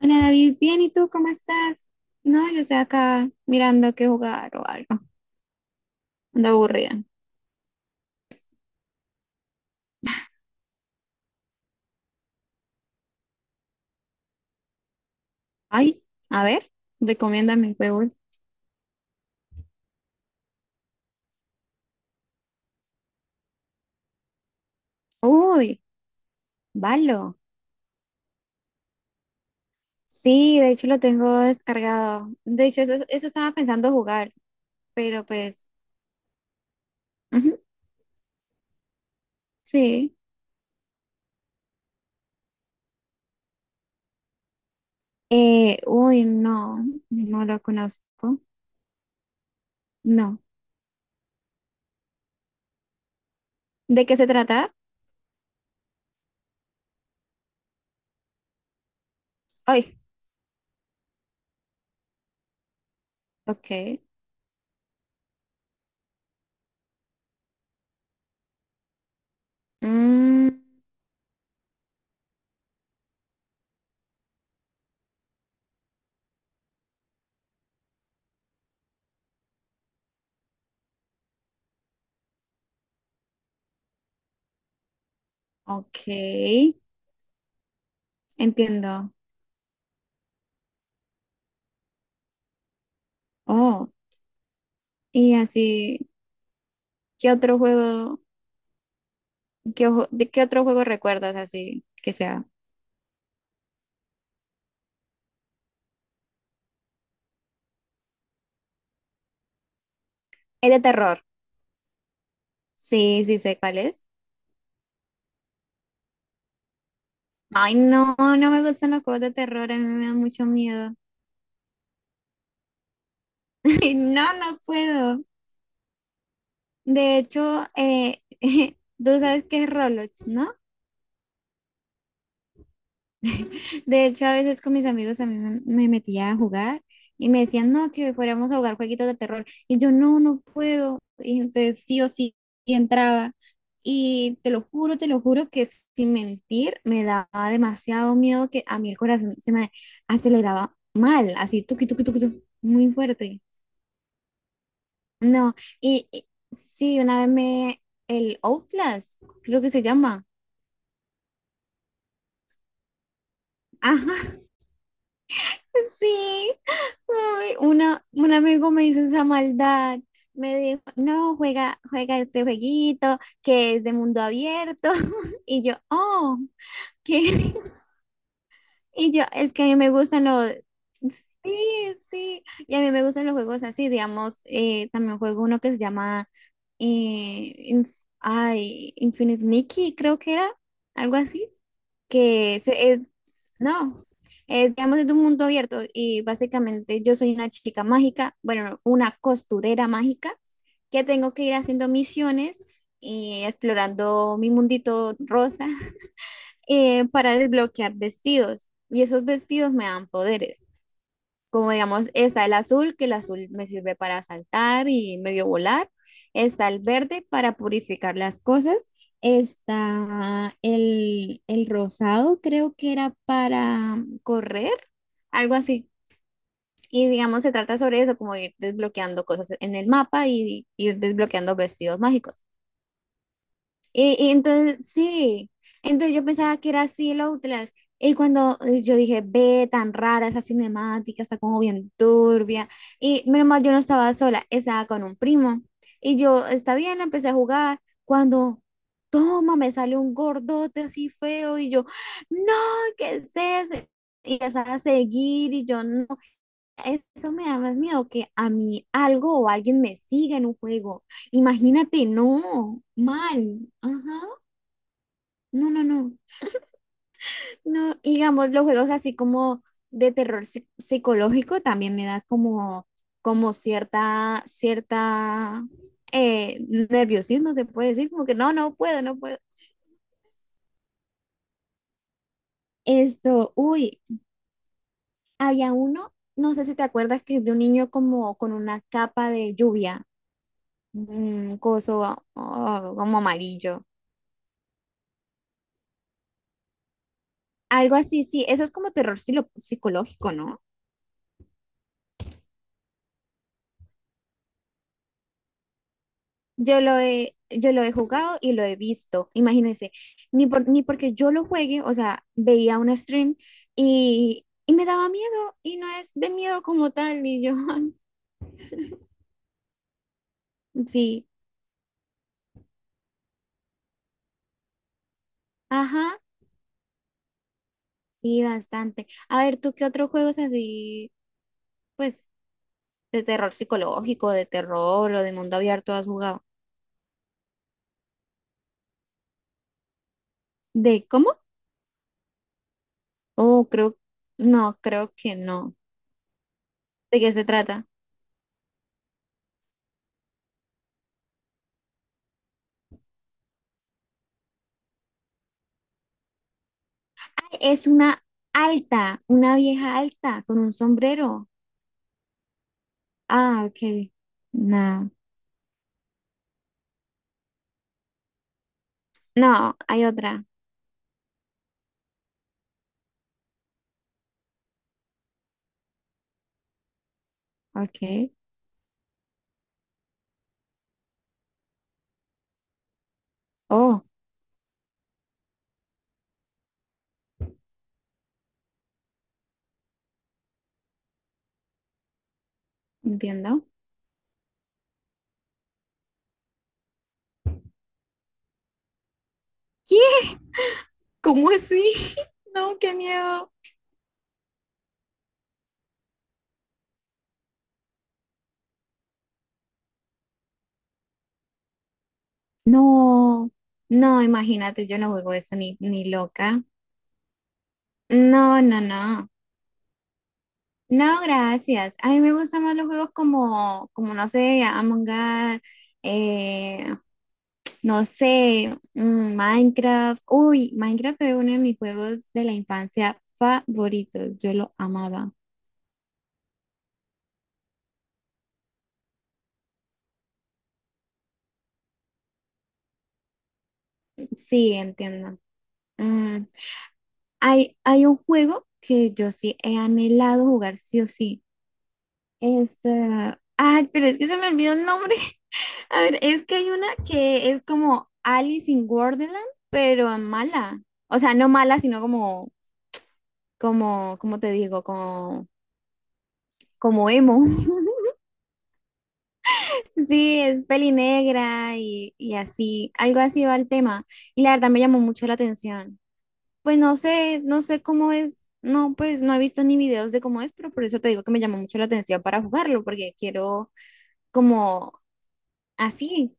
Hola David, bien, ¿y tú cómo estás? No, yo estoy acá mirando qué jugar o algo. Ando aburrida. Ay, a ver, recomiéndame juegos. Uy, Valo. Sí, de hecho lo tengo descargado. De hecho, eso estaba pensando jugar, pero pues, ujú, sí. Uy, no, no lo conozco. No. ¿De qué se trata? Ay, ok. Mm, ok, entiendo. Oh, y así. ¿Qué otro juego, de qué otro juego recuerdas así que sea? Es de terror. Sí, sí sé cuál es. Ay, no, no me gustan los juegos de terror, a mí me da mucho miedo. No, no puedo. De hecho, tú sabes qué es Roblox, ¿no? De hecho, a veces con mis amigos también me metía a jugar y me decían, no, que fuéramos a jugar jueguitos de terror. Y yo, no, no puedo. Y entonces sí o sí y entraba. Y te lo juro que sin mentir me daba demasiado miedo que a mí el corazón se me aceleraba mal, así tuqui, tuqui, tuqui, tuqui, muy fuerte. No, y sí, una vez me, el Outlast, creo que se llama. Ajá, sí, ay, una, un amigo me hizo esa maldad. Me dijo, no, juega, juega este jueguito que es de mundo abierto. Y yo, oh, ¿qué? Y yo, es que a mí me gustan los... Sí, sí. Y a mí me gustan los juegos así, digamos, también juego uno que se llama eh, Inf- ay, Infinite Nikki, creo que era, algo así que se- es- no, es, digamos, es un mundo abierto y básicamente yo soy una chica mágica, bueno, no, una costurera mágica que tengo que ir haciendo misiones y explorando mi mundito rosa para desbloquear vestidos y esos vestidos me dan poderes como digamos, está el azul, que el azul me sirve para saltar y medio volar. Está el verde para purificar las cosas. Está el rosado, creo que era para correr, algo así. Y digamos, se trata sobre eso, como ir desbloqueando cosas en el mapa y ir desbloqueando vestidos mágicos. Y entonces, sí, entonces yo pensaba que era así el Outlast. Y cuando yo dije, ve, tan rara esa cinemática, está como bien turbia. Y menos mal, yo no estaba sola, estaba con un primo. Y yo, está bien, empecé a jugar. Cuando, toma, me sale un gordote así feo. Y yo, no, ¿qué es eso? Y empezaba a seguir. Y yo, no, eso me da más miedo que a mí algo o alguien me siga en un juego. Imagínate, no, mal. Ajá. No, no, no. No, digamos, los juegos así como de psicológico también me da como, como cierta, cierta eh, nerviosismo, se puede decir, como que no, no puedo, no puedo. Esto, uy, había uno, no sé si te acuerdas que es de un niño como con una capa de lluvia, un coso ah, como amarillo. Algo así, sí, eso es como psicológico, ¿no? Yo lo he jugado y lo he visto, imagínense, ni porque yo lo juegue, o sea, veía un stream y me daba miedo y no es de miedo como tal, y yo, ay, sí, ajá, sí, bastante. A ver, ¿tú qué otros juegos así, pues, de terror psicológico, de terror o de mundo abierto has jugado? ¿De cómo? Oh, creo, no, creo que no. ¿De qué se trata? Es una alta, una vieja alta con un sombrero. Ah, ok. No, no, hay otra. Ok. Oh, entiendo. ¿Qué? ¿Cómo así? No, qué miedo. No, no, imagínate, yo no juego eso ni, ni loca. No, no, no. No, gracias. A mí me gustan más los juegos como, como no sé, Among Us, eh, no sé, Minecraft. Uy, Minecraft fue uno de mis juegos de la infancia favoritos. Yo lo amaba. Sí, entiendo. Mm, Hay, hay un juego que yo sí he anhelado jugar sí o sí. Este, ay, pero es que se me olvidó el nombre. A ver, es que hay una que es como Alice in Wonderland, pero mala. O sea, no mala, sino como, como, ¿como te digo? Como, como emo. Sí, es peli negra y así, algo así va el tema. Y la verdad me llamó mucho la atención. Pues no sé, no sé cómo es, no, pues no he visto ni videos de cómo es, pero por eso te digo que me llamó mucho la atención para jugarlo, porque quiero como así,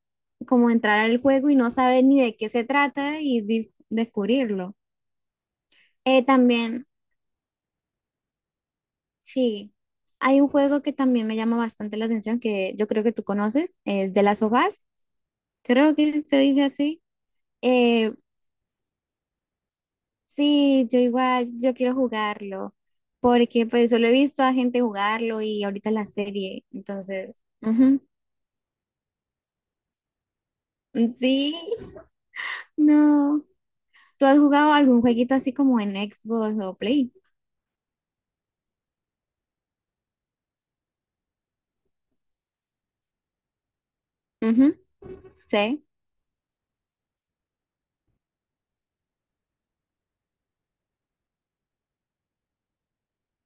como entrar al juego y no saber ni de qué se trata y descubrirlo. También, sí, hay un juego que también me llama bastante la atención que yo creo que tú conoces, es de las sofás, creo que se dice así. Eh, sí, yo igual, yo quiero jugarlo, porque pues solo he visto a gente jugarlo y ahorita la serie, entonces, ujú. Sí, no. ¿Tú has jugado algún jueguito así como en Xbox o Play? Ujú, sí.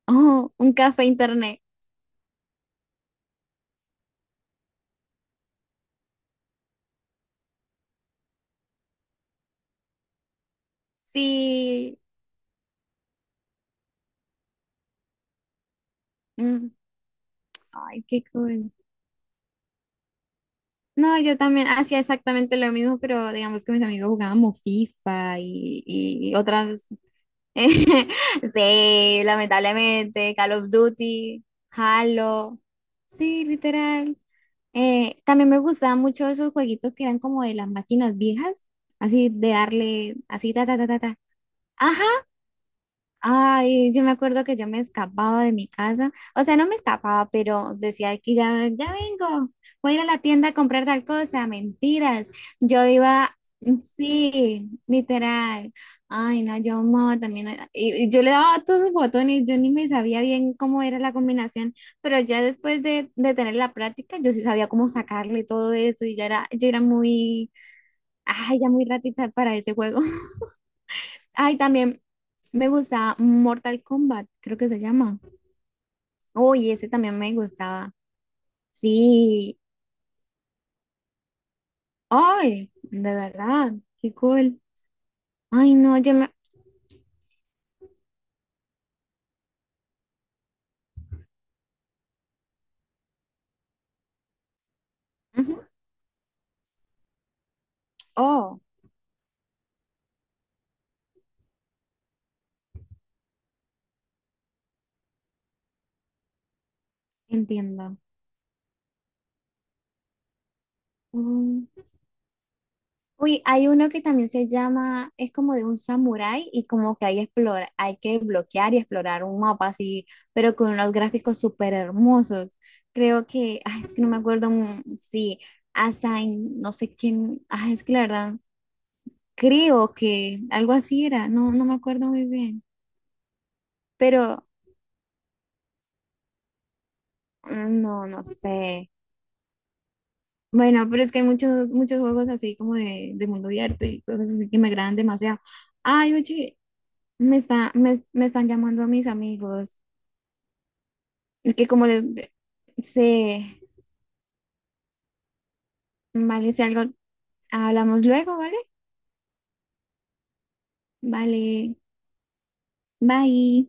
Oh, un café internet. Sí. Mm. Ay, qué cool. No, yo también hacía exactamente lo mismo, pero digamos que mis amigos jugábamos FIFA y otras. Sí, lamentablemente, Call of Duty, Halo. Sí, literal. También me gustaban mucho esos jueguitos que eran como de las máquinas viejas, así de darle, así ta ta ta ta ta. Ajá, ay, yo me acuerdo que yo me escapaba de mi casa, o sea, no me escapaba, pero decía que ya, ya vengo, voy a ir a la tienda a comprar tal cosa, mentiras. Yo iba, sí, literal. Ay, no, yo amaba también, y yo le daba a todos los botones, yo ni me sabía bien cómo era la combinación, pero ya después de tener la práctica, yo sí sabía cómo sacarle todo eso y ya era, yo era muy, ay, ya muy ratita para ese juego. Ay, también. Me gusta Mortal Kombat, creo que se llama. Uy, ese también me gustaba. Sí. Ay, de verdad, qué cool. Ay, no, yo me... Ujú. Oh, entiendo. Mm. Uy, hay uno que también se llama, es como de un samurái y como que hay, explora, hay que bloquear y explorar un mapa así, pero con unos gráficos súper hermosos. Creo que, ay, es que no me acuerdo, sí, Assign, no sé quién, ay, es que la verdad creo que algo así era, no, no me acuerdo muy bien, pero no, no sé. Bueno, pero es que hay muchos, muchos juegos así como de mundo abierto y cosas así que me agradan demasiado. Ay, oye, me, me están llamando a mis amigos. Es que como les sé, vale, si algo, hablamos luego, ¿vale? Vale, bye.